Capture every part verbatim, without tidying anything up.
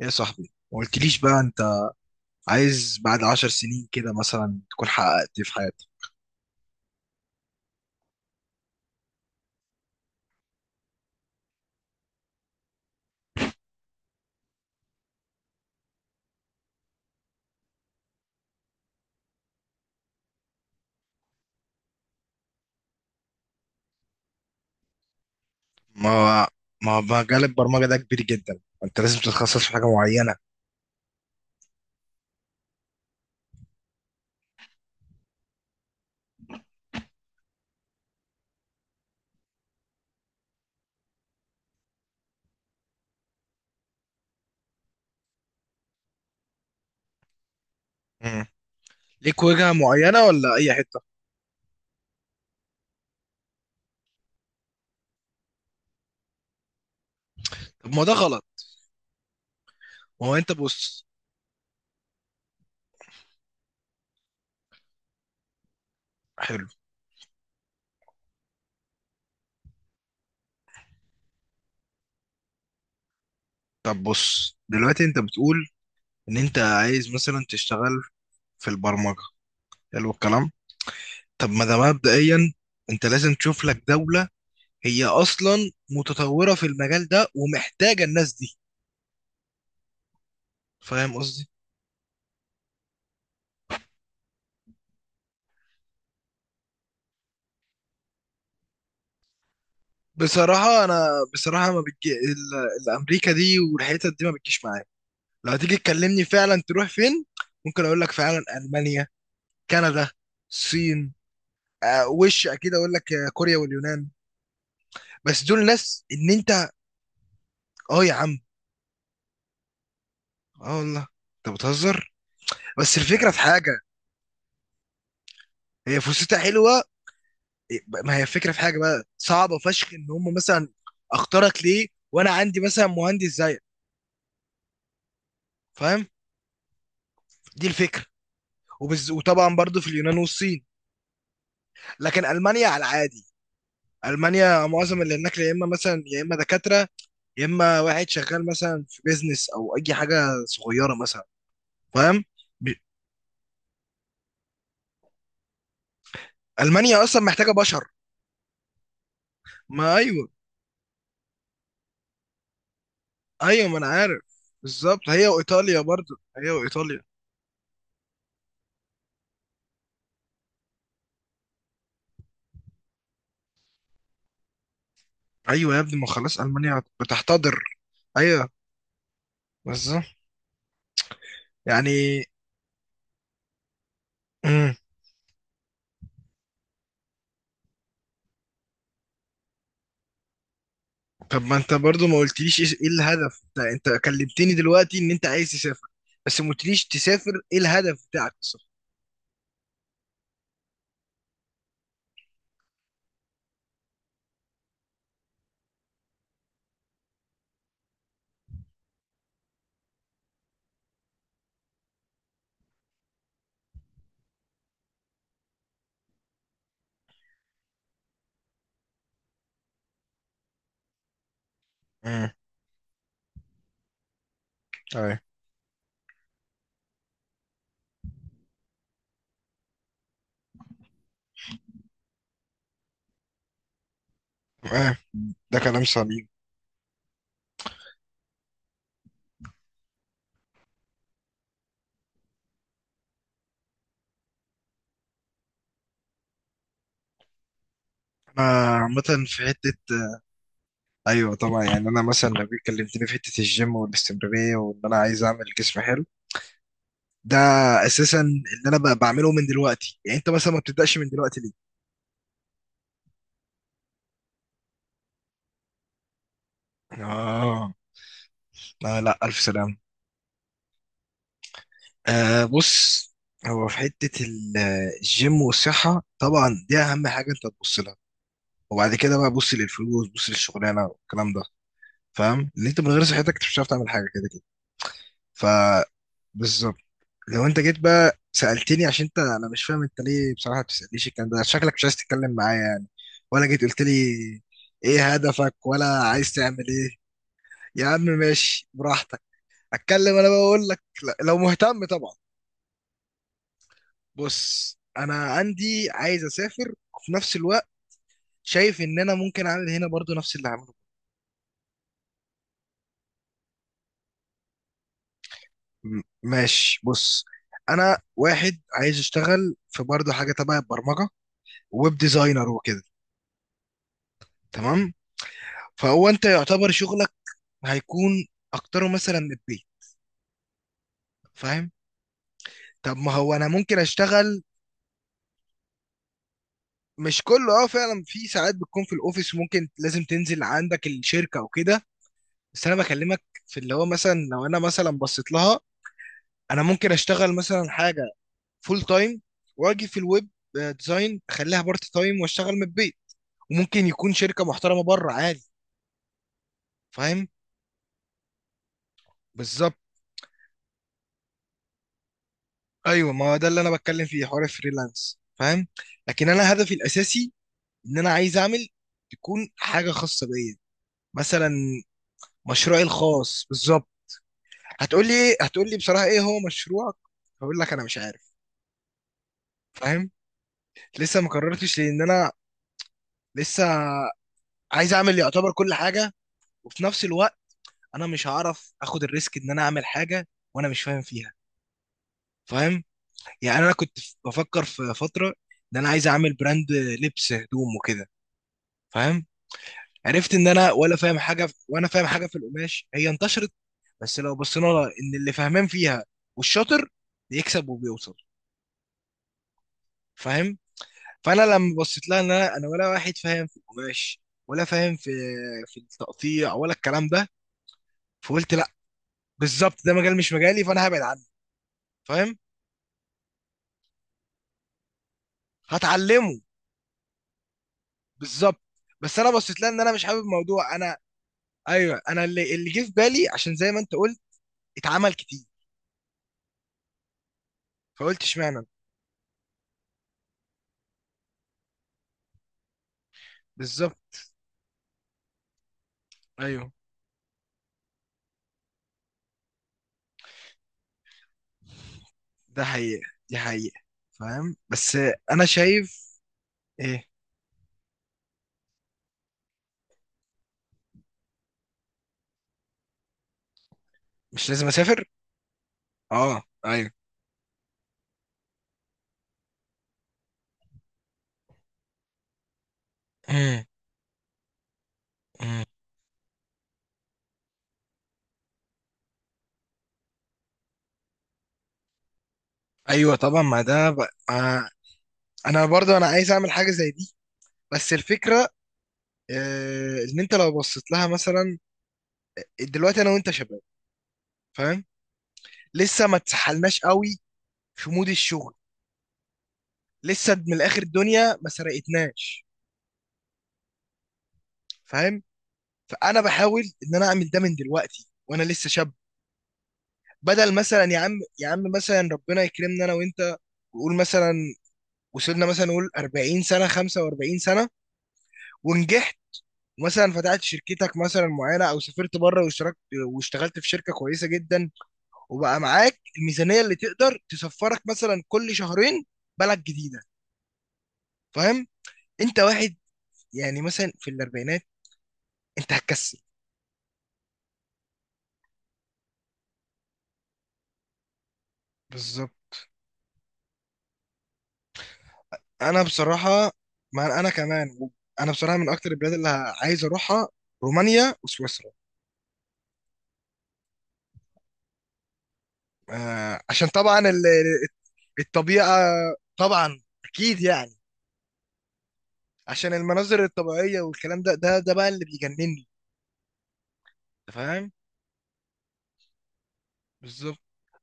ايه يا صاحبي؟ ما قلتليش بقى انت عايز بعد عشر سنين كده مثلا تكون حققت إيه في حياتك؟ ما هو- ما هو مجال البرمجة ده كبير جدا، انت لازم تتخصص في حاجة معينة. مم. ليك وجهة معينة ولا اي حتة؟ طب ما ده غلط. ما هو انت بص. حلو. طب بص دلوقتي، انت بتقول ان انت عايز مثلا تشتغل في البرمجة. حلو الكلام. طب ما ده مبدئيا، انت لازم تشوف لك دولة هي اصلا متطورة في المجال ده ومحتاجة الناس دي. فاهم قصدي؟ بصراحة أنا بصراحة ما بتجي ال- الأمريكا دي والحتت دي ما بتجيش معايا. لو هتيجي تكلمني فعلا تروح فين؟ ممكن أقول لك فعلا ألمانيا، كندا، الصين، آه، وش أكيد أقول لك آه، كوريا واليونان. بس دول ناس إن أنت. أه يا عم. أه والله. أنت بتهزر. بس الفكرة في حاجة. هي فرصتها حلوة. ما هي الفكرة في حاجة بقى صعبة فشخ، إن هم مثلا أختارك ليه وأنا عندي مثلا مهندس زيك. فاهم؟ دي الفكرة. وبز... وطبعا برضو في اليونان والصين، لكن المانيا على العادي. المانيا معظم اللي هناك يا اما مثلا يا اما دكاتره، يا اما واحد شغال مثلا في بيزنس او اي حاجه صغيره مثلا. فاهم؟ ب- المانيا اصلا محتاجه بشر. ما ايوه. ايوه، ما انا عارف بالظبط، هي وايطاليا، برضو هي وايطاليا. ايوه يا ابني، ما خلاص المانيا بتحتضر. ايوه، بالظبط. يعني. مم. طب ما انت برضو ما قلتليش ايه إيه الهدف انت؟ انت كلمتني دلوقتي ان انت عايز تسافر، بس ما قلتليش تسافر ايه، الهدف بتاعك بالظبط. مم. اه. ده كلام سليم. انا عامة في حتة آه، ايوه طبعا يعني انا مثلا لو جيت كلمتني في حتة الجيم والاستمرارية وان انا عايز اعمل جسم حلو، ده اساسا اللي انا ب- بعمله من دلوقتي. يعني انت مثلا ما بتبدأش من دلوقتي ليه؟ اه. لا لا، الف سلام. آه بص. هو في حتة ال- آه، الجيم والصحة طبعا دي اهم حاجة انت تبص لها، وبعد كده بقى بص للفلوس بص للشغلانة والكلام ده. فاهم؟ ان انت من غير صحتك انت مش هتعرف تعمل حاجة كده كده. ف لو انت جيت بقى سألتني، عشان انت انا مش فاهم انت ليه بصراحة بتسألنيش الكلام ده، شكلك مش عايز تتكلم معايا يعني. ولا جيت قلت لي ايه هدفك ولا عايز تعمل ايه؟ يا عم ماشي براحتك. اتكلم، انا بقى اقول لك لا- لو مهتم طبعا. بص، انا عندي عايز اسافر وفي نفس الوقت شايف ان انا ممكن اعمل هنا برضو نفس اللي هعمله. م- ماشي، بص. انا واحد عايز اشتغل في برضو حاجة تبع البرمجة، ويب ديزاينر وكده. تمام. فهو انت يعتبر شغلك هيكون اكتره مثلا من البيت. فاهم؟ طب ما هو انا ممكن اشتغل. مش كله، اه، فعلا في ساعات بتكون في الاوفيس ممكن لازم تنزل عندك الشركه او كده. بس انا بكلمك في اللي هو مثلا لو انا مثلا بصيت لها، انا ممكن اشتغل مثلا حاجه فول تايم، واجي في الويب آه، ديزاين اخليها بارت تايم واشتغل من البيت. وممكن يكون شركه محترمه بره عادي. فاهم؟ بالظبط. ايوه، ما هو ده اللي انا بتكلم فيه حوار الفريلانس. فاهم؟ لكن انا هدفي الاساسي ان انا عايز اعمل تكون حاجه خاصه بيا، مثلا مشروعي الخاص بالظبط. هتقول لي إيه؟ هتقول لي بصراحه ايه هو مشروعك؟ هقول لك انا مش عارف. فاهم؟ لسه ما قررتش لان انا لسه عايز اعمل يعتبر كل حاجه، وفي نفس الوقت انا مش هعرف اخد الريسك ان انا اعمل حاجه وانا مش فاهم فيها. فاهم؟ يعني انا كنت ف- بفكر في فتره ان انا عايز اعمل براند لبس هدوم وكده. فاهم؟ عرفت ان انا ولا فاهم حاجه، وانا فاهم حاجه في القماش هي انتشرت. بس لو بصينا لها ان اللي فاهمان فيها والشاطر بيكسب وبيوصل. فاهم؟ فانا لما بصيت لها ان انا انا ولا واحد فاهم في القماش ولا فاهم في في التقطيع ولا الكلام ده، فقلت لا. بالظبط ده مجال مش مجالي فانا هبعد عنه. فاهم؟ هتعلمه. بالظبط. بس انا بصيت لها ان انا مش حابب الموضوع انا. ايوه، انا اللي اللي جه في بالي عشان زي ما انت قلت اتعمل كتير. فقلت اشمعنى. بالظبط. ايوه. ده حقيقة دي حقيقة. فاهم؟ بس انا شايف. ايه؟ مش لازم اسافر. اه، ايوه. مم. مم. ايوه طبعا، ما ده ب... آه. انا برضو انا عايز اعمل حاجه زي دي، بس الفكره. آه ان انت لو بصيت لها مثلا دلوقتي انا وانت شباب. فاهم؟ لسه ما اتسحلناش قوي في مود الشغل، لسه من الاخر الدنيا ما سرقتناش. فاهم؟ فانا بحاول ان انا اعمل ده من دلوقتي وانا لسه شاب، بدل مثلا يا عم، يا عم مثلا ربنا يكرمنا انا وانت، وقول مثلا وصلنا مثلا نقول 40 سنه 45 سنه ونجحت، مثلا فتحت شركتك مثلا معينه او سافرت بره واشتركت واشتغلت في شركه كويسه جدا، وبقى معاك الميزانيه اللي تقدر تسفرك مثلا كل شهرين بلد جديده. فاهم؟ انت واحد، يعني مثلا في الاربعينات انت هتكسل. بالظبط. انا بصراحه، ما انا كمان، انا بصراحه من اكتر البلاد اللي ه- عايز اروحها رومانيا وسويسرا. آه عشان طبعا ال- الطبيعه طبعا اكيد يعني. عشان المناظر الطبيعيه والكلام ده ده ده بقى اللي بيجنني. أنت فاهم؟ بالظبط.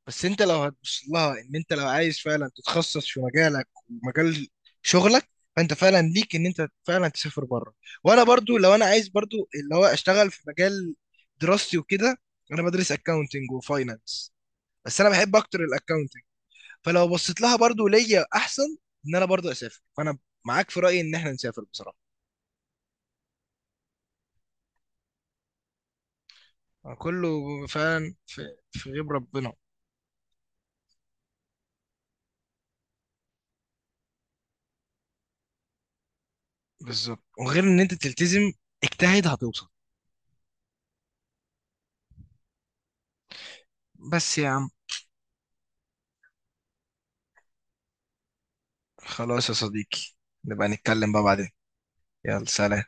بس انت لو هتبص لها ان انت لو عايز فعلا تتخصص في مجالك ومجال شغلك فانت فعلا ليك ان انت فعلا تسافر بره. وانا برضو لو انا عايز برضو اللي هو اشتغل في مجال دراستي وكده، انا بدرس اكاونتنج وفاينانس، بس انا بحب اكتر الاكاونتنج. فلو بصيت لها برضو ليا احسن ان انا برضو اسافر، فانا معاك في رايي ان احنا نسافر بصراحه. كله فعلا في في غيب ربنا. بالظبط، وغير ان انت تلتزم، اجتهد هتوصل. بس يا عم. خلاص يا صديقي، نبقى نتكلم بقى بعدين. يلا سلام.